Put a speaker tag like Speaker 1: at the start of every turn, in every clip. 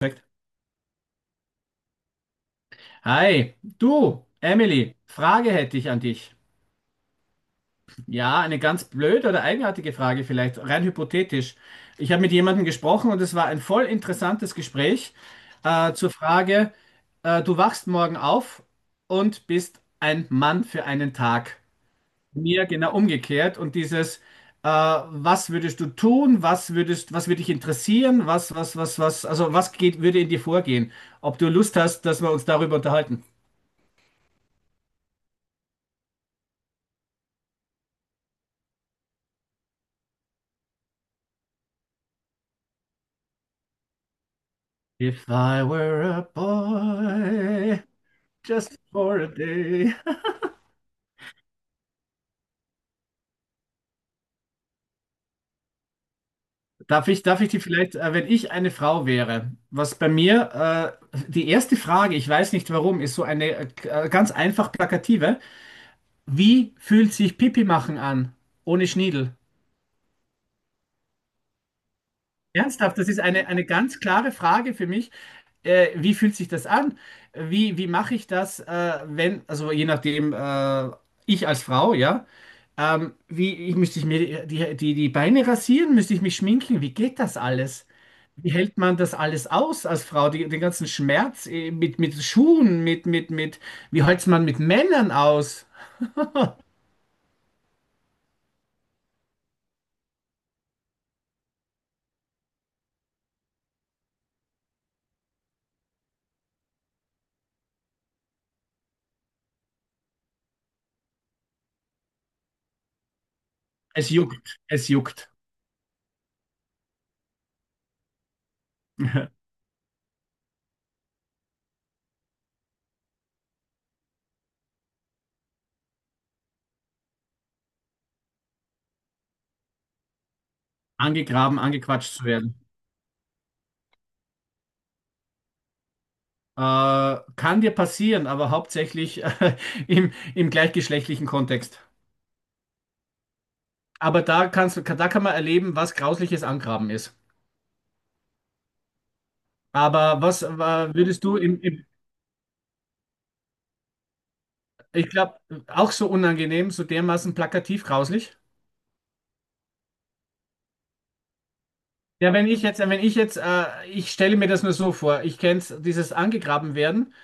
Speaker 1: Perfekt. Hi, du, Emily, Frage hätte ich an dich. Ja, eine ganz blöde oder eigenartige Frage vielleicht, rein hypothetisch. Ich habe mit jemandem gesprochen und es war ein voll interessantes Gespräch zur Frage, du wachst morgen auf und bist ein Mann für einen Tag. Mir genau umgekehrt und dieses, was würdest du tun, was würde dich interessieren, also was geht, würde in dir vorgehen? Ob du Lust hast, dass wir uns darüber unterhalten? If I were a boy, just for a day. Darf ich die vielleicht, wenn ich eine Frau wäre, was bei mir, die erste Frage, ich weiß nicht warum, ist so eine ganz einfach plakative. Wie fühlt sich Pipi machen an, ohne Schniedel? Ernsthaft, das ist eine ganz klare Frage für mich. Wie fühlt sich das an? Wie mache ich das, wenn, also je nachdem, ich als Frau, ja. Müsste ich mir die Beine rasieren? Müsste ich mich schminken? Wie geht das alles? Wie hält man das alles aus als Frau? Die, den ganzen Schmerz mit Schuhen, wie hält man mit Männern aus? Es juckt, es juckt. Angegraben, angequatscht zu werden. Äh, kann dir passieren, aber hauptsächlich im gleichgeschlechtlichen Kontext. Aber da kann man erleben, was grausliches Angraben ist. Aber was würdest du im Ich glaube, auch so unangenehm, so dermaßen plakativ grauslich. Ja, wenn ich jetzt, ich stelle mir das nur so vor, ich kenne dieses angegraben werden,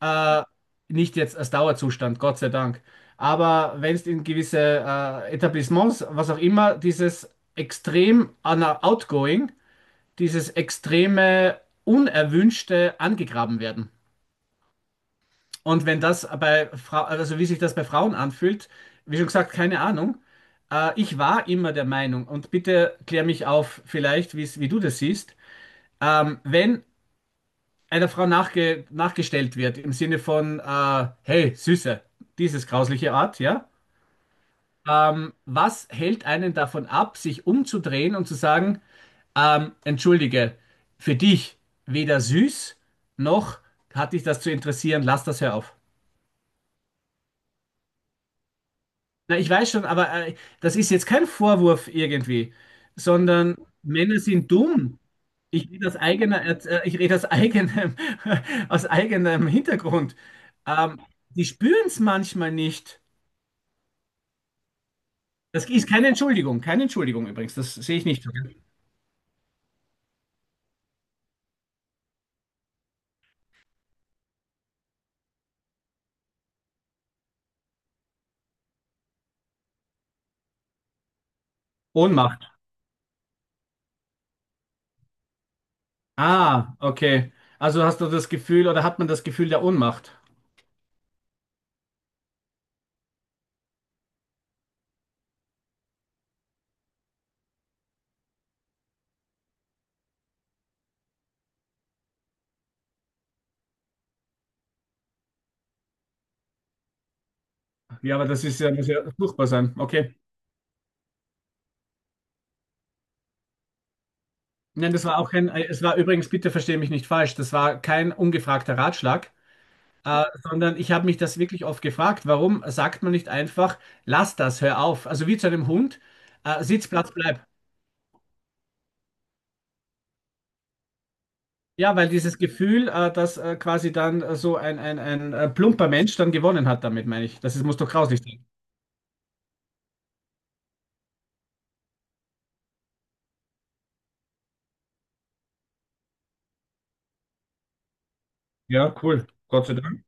Speaker 1: äh, nicht jetzt als Dauerzustand, Gott sei Dank, aber wenn es in gewisse Etablissements, was auch immer, outgoing, dieses extreme unerwünschte angegraben werden. Und wenn das bei Frau, also wie sich das bei Frauen anfühlt, wie schon gesagt, keine Ahnung. Ich war immer der Meinung, und bitte klär mich auf, vielleicht, wie du das siehst, wenn einer Frau nachgestellt wird, im Sinne von, hey, Süße, dieses grausliche Art, ja, was hält einen davon ab, sich umzudrehen und zu sagen, entschuldige, für dich weder süß noch hat dich das zu interessieren, lass das, hör auf. Na, ich weiß schon, aber das ist jetzt kein Vorwurf irgendwie, sondern Männer sind dumm. Ich rede aus ich rede aus eigenem, aus eigenem Hintergrund. Ähm, die spüren es manchmal nicht. Das ist keine Entschuldigung, keine Entschuldigung übrigens, das sehe ich nicht. Ohnmacht. Ah, okay. Also hast du das Gefühl oder hat man das Gefühl der Ohnmacht? Ja, aber das ist ja, muss ja furchtbar sein. Okay. Nein, das war auch kein, es war übrigens, bitte verstehe mich nicht falsch, das war kein ungefragter Ratschlag. Sondern ich habe mich das wirklich oft gefragt, warum sagt man nicht einfach, lass das, hör auf. Also wie zu einem Hund, Sitzplatz bleib. Ja, weil dieses Gefühl, dass quasi dann so ein plumper Mensch dann gewonnen hat damit, meine ich. Das ist, muss doch grauslich sein. Ja, cool. Gott sei Dank.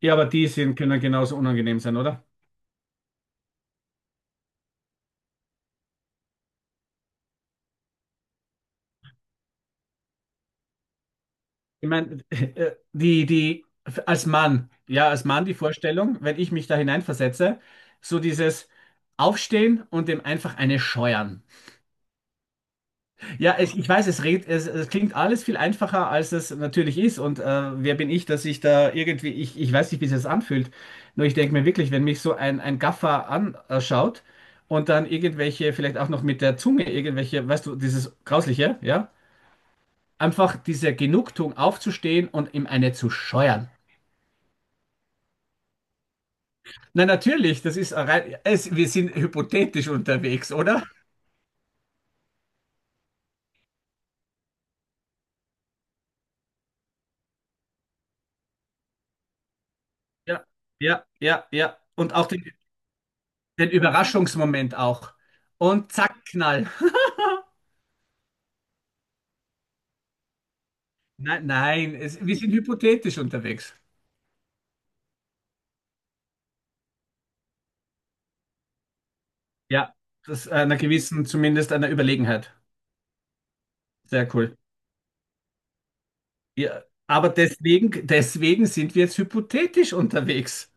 Speaker 1: Ja, aber die sind, können genauso unangenehm sein, oder? Ich meine, als Mann, ja, als Mann die Vorstellung, wenn ich mich da hineinversetze, so dieses Aufstehen und dem einfach eine scheuern. Ja, ich weiß, es klingt alles viel einfacher, als es natürlich ist. Und wer bin ich, dass ich da irgendwie, ich weiß nicht, wie es sich das anfühlt. Nur ich denke mir wirklich, wenn mich so ein Gaffer anschaut und dann irgendwelche, vielleicht auch noch mit der Zunge irgendwelche, weißt du, dieses Grausliche, ja, einfach diese Genugtuung aufzustehen und ihm eine zu scheuern. Na natürlich, das ist rein, es, wir sind hypothetisch unterwegs, oder? Ja, ja, ja, ja. Und auch den, den Überraschungsmoment auch. Und zack, Knall. Nein, nein, es, wir sind hypothetisch unterwegs. Ja, das einer gewissen, zumindest einer Überlegenheit. Sehr cool. Ja, aber deswegen sind wir jetzt hypothetisch unterwegs.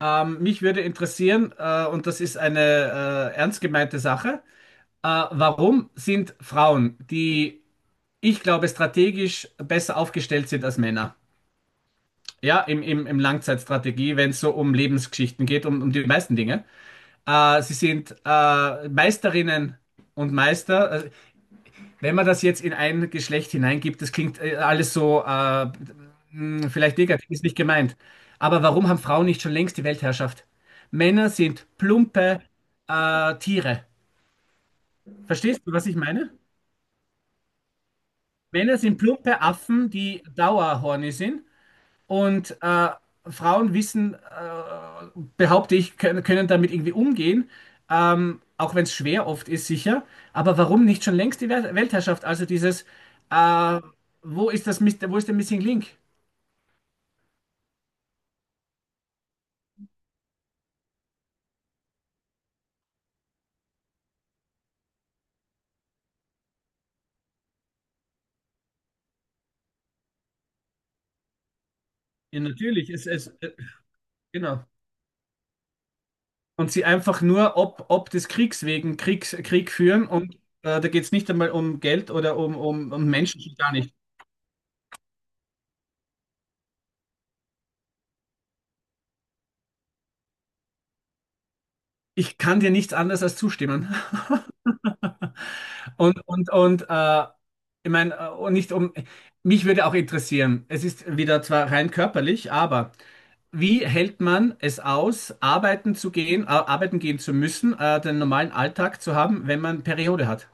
Speaker 1: Mich würde interessieren, und das ist eine ernst gemeinte Sache, warum sind Frauen, die ich glaube strategisch besser aufgestellt sind als Männer? Ja, im Langzeitstrategie, wenn es so um Lebensgeschichten geht, um, um die meisten Dinge. Sie sind Meisterinnen und Meister. Also, wenn man das jetzt in ein Geschlecht hineingibt, das klingt alles so vielleicht negativ, ist nicht gemeint. Aber warum haben Frauen nicht schon längst die Weltherrschaft? Männer sind plumpe Tiere. Verstehst du, was ich meine? Männer sind plumpe Affen, die Dauerhorny sind. Und Frauen wissen, behaupte ich, können damit irgendwie umgehen, auch wenn es schwer oft ist, sicher. Aber warum nicht schon längst die Weltherrschaft? Also dieses, äh, wo ist das, wo ist der Missing Link? Ja, natürlich. Genau. Und sie einfach nur ob des Kriegs Krieg führen und da geht es nicht einmal um Geld oder um Menschen, schon gar nicht. Ich kann dir nichts anderes als zustimmen. Und, und, und äh, ich meine, und nicht um, mich würde auch interessieren, es ist wieder zwar rein körperlich, aber wie hält man es aus, arbeiten zu gehen, arbeiten gehen zu müssen, den normalen Alltag zu haben, wenn man Periode hat?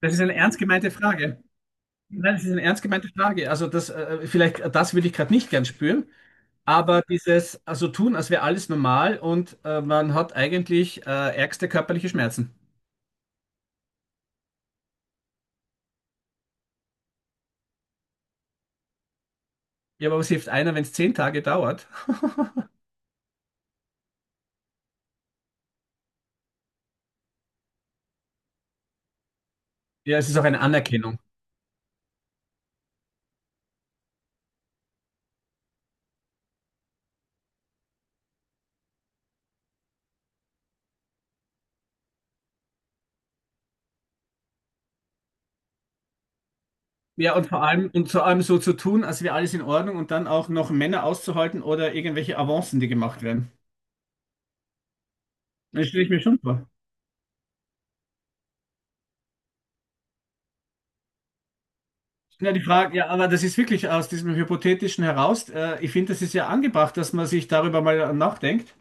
Speaker 1: Das ist eine ernst gemeinte Frage. Nein, das ist eine ernst gemeinte Frage. Also das, vielleicht, das würde ich gerade nicht gern spüren, aber dieses, also tun, als wäre alles normal und man hat eigentlich ärgste körperliche Schmerzen. Ja, aber was hilft einer, wenn es 10 Tage dauert? Ja, es ist auch eine Anerkennung. Ja, und vor allem so zu tun, als wäre alles in Ordnung und dann auch noch Männer auszuhalten oder irgendwelche Avancen, die gemacht werden. Das stelle ich mir schon vor. Ja, die Frage, ja, aber das ist wirklich aus diesem Hypothetischen heraus. Ich finde, das ist ja angebracht, dass man sich darüber mal nachdenkt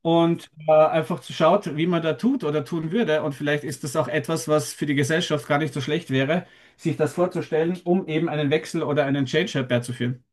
Speaker 1: und einfach schaut, wie man da tut oder tun würde. Und vielleicht ist das auch etwas, was für die Gesellschaft gar nicht so schlecht wäre, sich das vorzustellen, um eben einen Wechsel oder einen Change herbeizuführen.